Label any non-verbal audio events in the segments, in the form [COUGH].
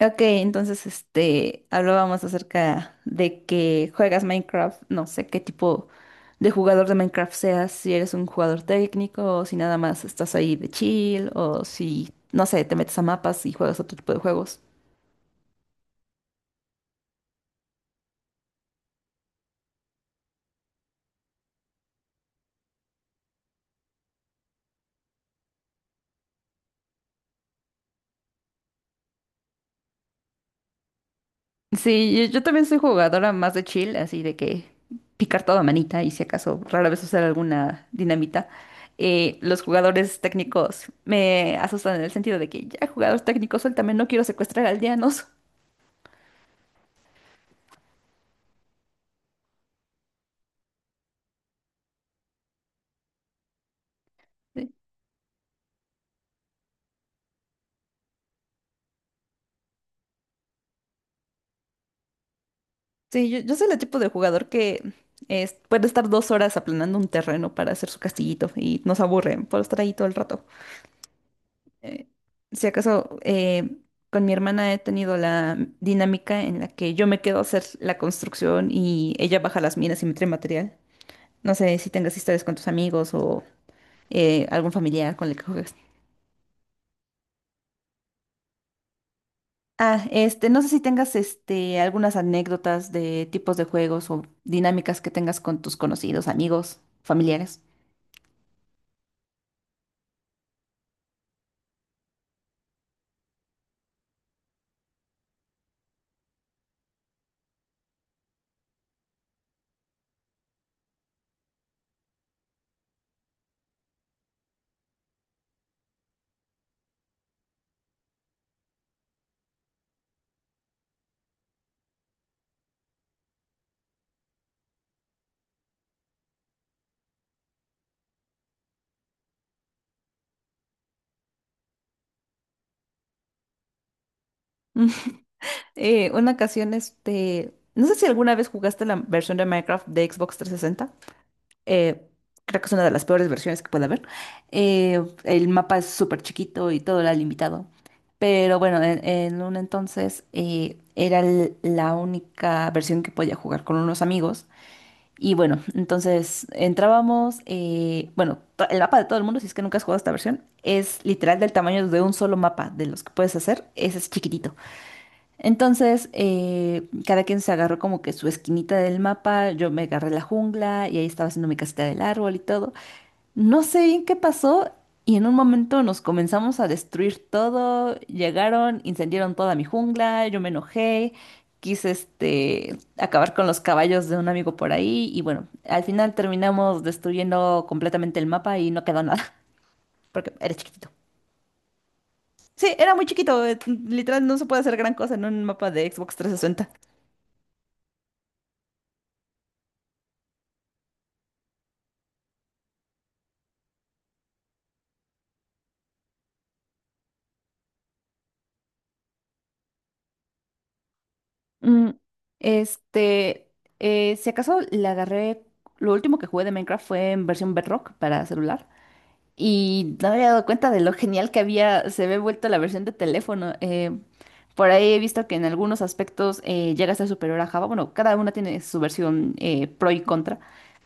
Ok, entonces hablábamos acerca de que juegas Minecraft. No sé qué tipo de jugador de Minecraft seas, si eres un jugador técnico o si nada más estás ahí de chill o si, no sé, te metes a mapas y juegas otro tipo de juegos. Sí, yo también soy jugadora más de chill, así de que picar toda manita y si acaso rara vez usar alguna dinamita. Los jugadores técnicos me asustan en el sentido de que ya jugador técnico, también no quiero secuestrar aldeanos. Sí, yo soy el tipo de jugador que puede estar 2 horas aplanando un terreno para hacer su castillito y nos aburre por estar ahí todo el rato. Eh, si acaso, con mi hermana he tenido la dinámica en la que yo me quedo a hacer la construcción y ella baja las minas y me trae material. No sé si tengas historias con tus amigos o algún familiar con el que juegas. Ah, no sé si tengas algunas anécdotas de tipos de juegos o dinámicas que tengas con tus conocidos, amigos, familiares. Una ocasión, no sé si alguna vez jugaste la versión de Minecraft de Xbox 360. Eh, Creo que es una de las peores versiones que puede haber. El mapa es súper chiquito y todo era limitado. Pero bueno, en un entonces era la única versión que podía jugar con unos amigos. Y bueno, entonces entrábamos, bueno, el mapa de todo el mundo, si es que nunca has jugado esta versión, es literal del tamaño de un solo mapa, de los que puedes hacer, ese es chiquitito. Entonces, cada quien se agarró como que su esquinita del mapa, yo me agarré la jungla y ahí estaba haciendo mi casita del árbol y todo. No sé bien qué pasó y en un momento nos comenzamos a destruir todo, llegaron, incendiaron toda mi jungla, yo me enojé, quise acabar con los caballos de un amigo por ahí y bueno, al final terminamos destruyendo completamente el mapa y no quedó nada, [LAUGHS] porque era chiquitito. Sí, era muy chiquito, literal no se puede hacer gran cosa en un mapa de Xbox trescientos sesenta. Mm, este, si acaso la agarré, lo último que jugué de Minecraft fue en versión Bedrock para celular. Y no me había dado cuenta de lo genial que había, se había vuelto la versión de teléfono. Por ahí he visto que en algunos aspectos llega a ser superior a Java. Bueno, cada una tiene su versión pro y contra,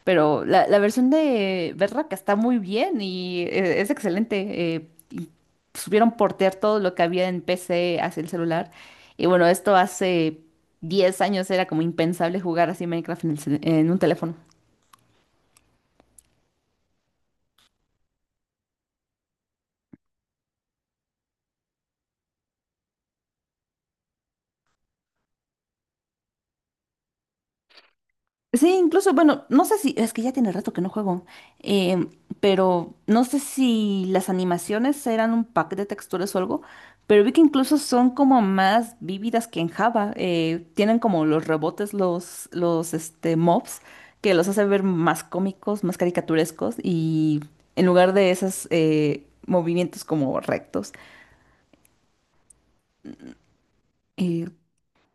pero la versión de Bedrock está muy bien y es excelente. Y supieron portear todo lo que había en PC hacia el celular. Y bueno, esto hace 10 años era como impensable jugar así Minecraft en el en un teléfono. Sí, incluso, bueno, no sé si, es que ya tiene rato que no juego, em, pero no sé si las animaciones eran un pack de texturas o algo, pero vi que incluso son como más vívidas que en Java. Tienen como los rebotes, los mobs, que los hace ver más cómicos, más caricaturescos, y en lugar de esos movimientos como rectos. Eh,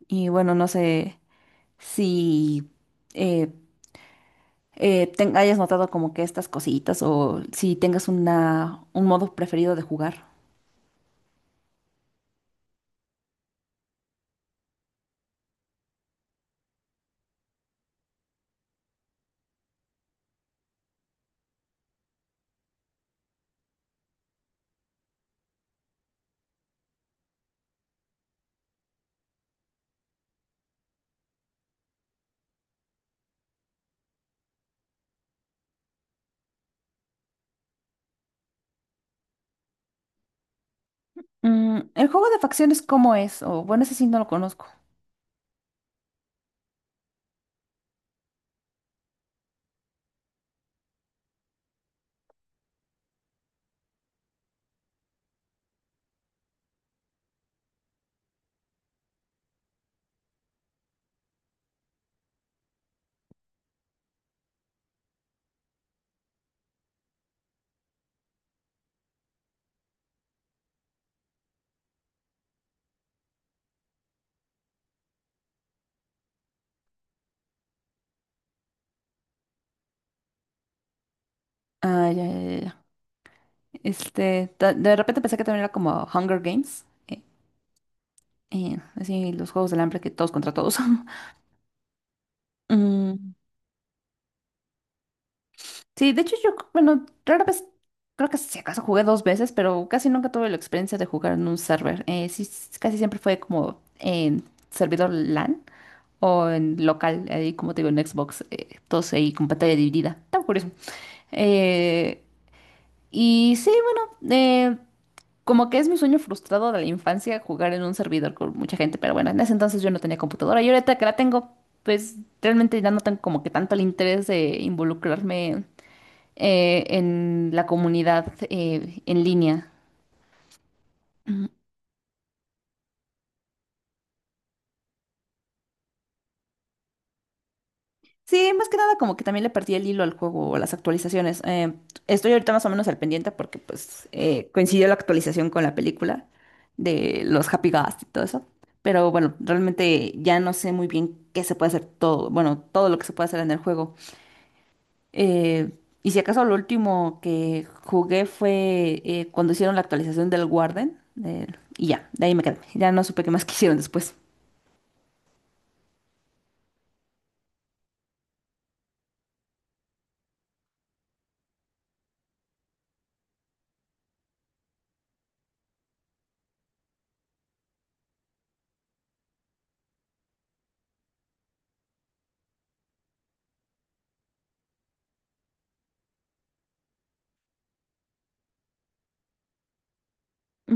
y bueno, no sé si... eh, hayas notado como que estas cositas o si tengas una, un modo preferido de jugar. Mm, ¿el juego de facciones cómo es? O bueno, ese sí no lo conozco. Ah, ya, ya, ya. Ya. Este, de repente pensé que también era como Hunger Games. Así los juegos del hambre, que todos contra todos. [LAUGHS] Mm, sí, de hecho yo, bueno, rara vez, creo que si acaso jugué dos veces, pero casi nunca tuve la experiencia de jugar en un server. Sí, casi siempre fue como en servidor LAN. O en local, ahí como te digo, en Xbox, todos ahí con pantalla dividida. Está curioso. Eh, y sí, bueno, eh, Como que es mi sueño frustrado de la infancia jugar en un servidor con mucha gente, pero bueno, en ese entonces yo no tenía computadora y ahorita que la tengo, pues realmente ya no tengo como que tanto el interés de involucrarme en la comunidad en línea. Sí, más que nada como que también le perdí el hilo al juego o a las actualizaciones. Estoy ahorita más o menos al pendiente porque pues coincidió la actualización con la película de los Happy Ghast y todo eso. Pero bueno, realmente ya no sé muy bien qué se puede hacer todo, bueno, todo lo que se puede hacer en el juego. Eh, y si acaso lo último que jugué fue cuando hicieron la actualización del Warden, eh, y ya, de ahí me quedé. Ya no supe qué más [LAUGHS] quisieron después.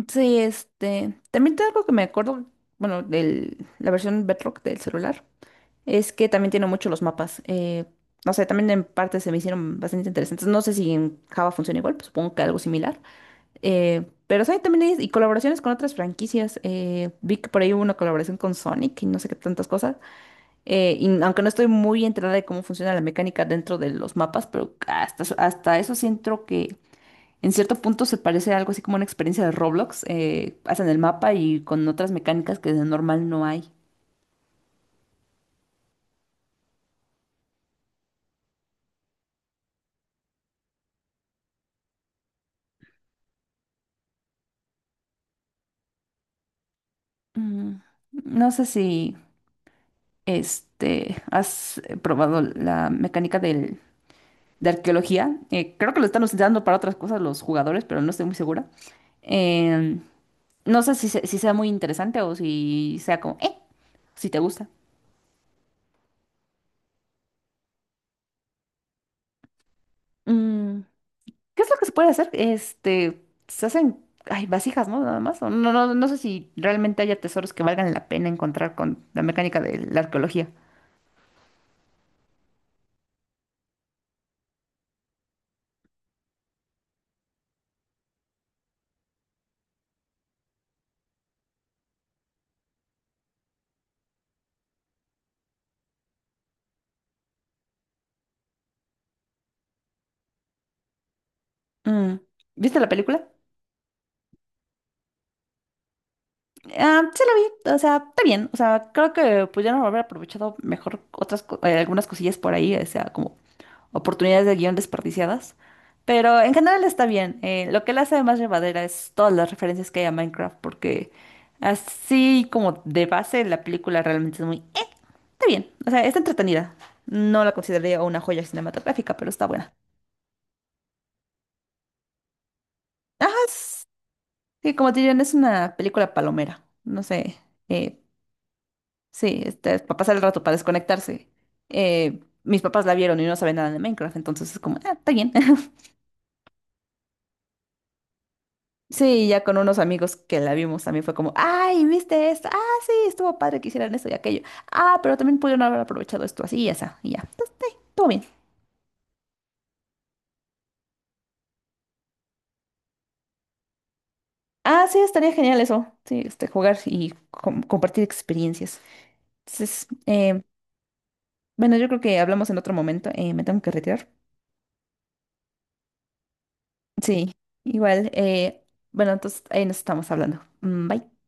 Sí, este, también te algo que me acuerdo, bueno, de la versión Bedrock del celular, es que también tiene mucho los mapas. No sé, también en parte se me hicieron bastante interesantes. No sé si en Java funciona igual, pues supongo que algo similar. Pero sí, también hay y colaboraciones con otras franquicias. Vi que por ahí hubo una colaboración con Sonic y no sé qué tantas cosas. Y aunque no estoy muy enterada de cómo funciona la mecánica dentro de los mapas, pero hasta eso siento que en cierto punto se parece a algo así como una experiencia de Roblox. Hacen el mapa y con otras mecánicas que de normal no hay. Mm, no sé si has probado la mecánica de arqueología. Creo que lo están usando para otras cosas los jugadores, pero no estoy muy segura. Eh, no sé si, si sea muy interesante o si sea como, si te gusta. Mm, ¿qué es lo que se puede hacer? Este, se hacen, ay, vasijas, ¿no? Nada más. O no, no, no sé si realmente haya tesoros que valgan la pena encontrar con la mecánica de la arqueología. Mm, ¿viste la película? Ah, sí la vi, o sea, está bien, o sea, creo que pudieron haber aprovechado mejor otras, algunas cosillas por ahí, o sea, como oportunidades de guión desperdiciadas, pero en general está bien. Lo que la hace más llevadera es todas las referencias que hay a Minecraft, porque así como de base la película realmente es muy... Está bien, o sea, está entretenida. No la consideraría una joya cinematográfica, pero está buena. Ajá, sí, como te dirían, es una película palomera. No sé, eh, sí, es para pasar el rato, para desconectarse. Mis papás la vieron y no saben nada de Minecraft, entonces es como, ah, está bien. [LAUGHS] Sí, ya con unos amigos que la vimos también fue como, ay, ¿viste esto? Ah, sí, estuvo padre que hicieran esto y aquello. Ah, pero también pudieron haber aprovechado esto así y esa, y ya. Entonces, sí, todo bien. Ah, sí, estaría genial eso. Sí, jugar y compartir experiencias. Entonces, bueno, yo creo que hablamos en otro momento. Me tengo que retirar. Sí, igual. Bueno, entonces ahí nos estamos hablando. Mm, bye.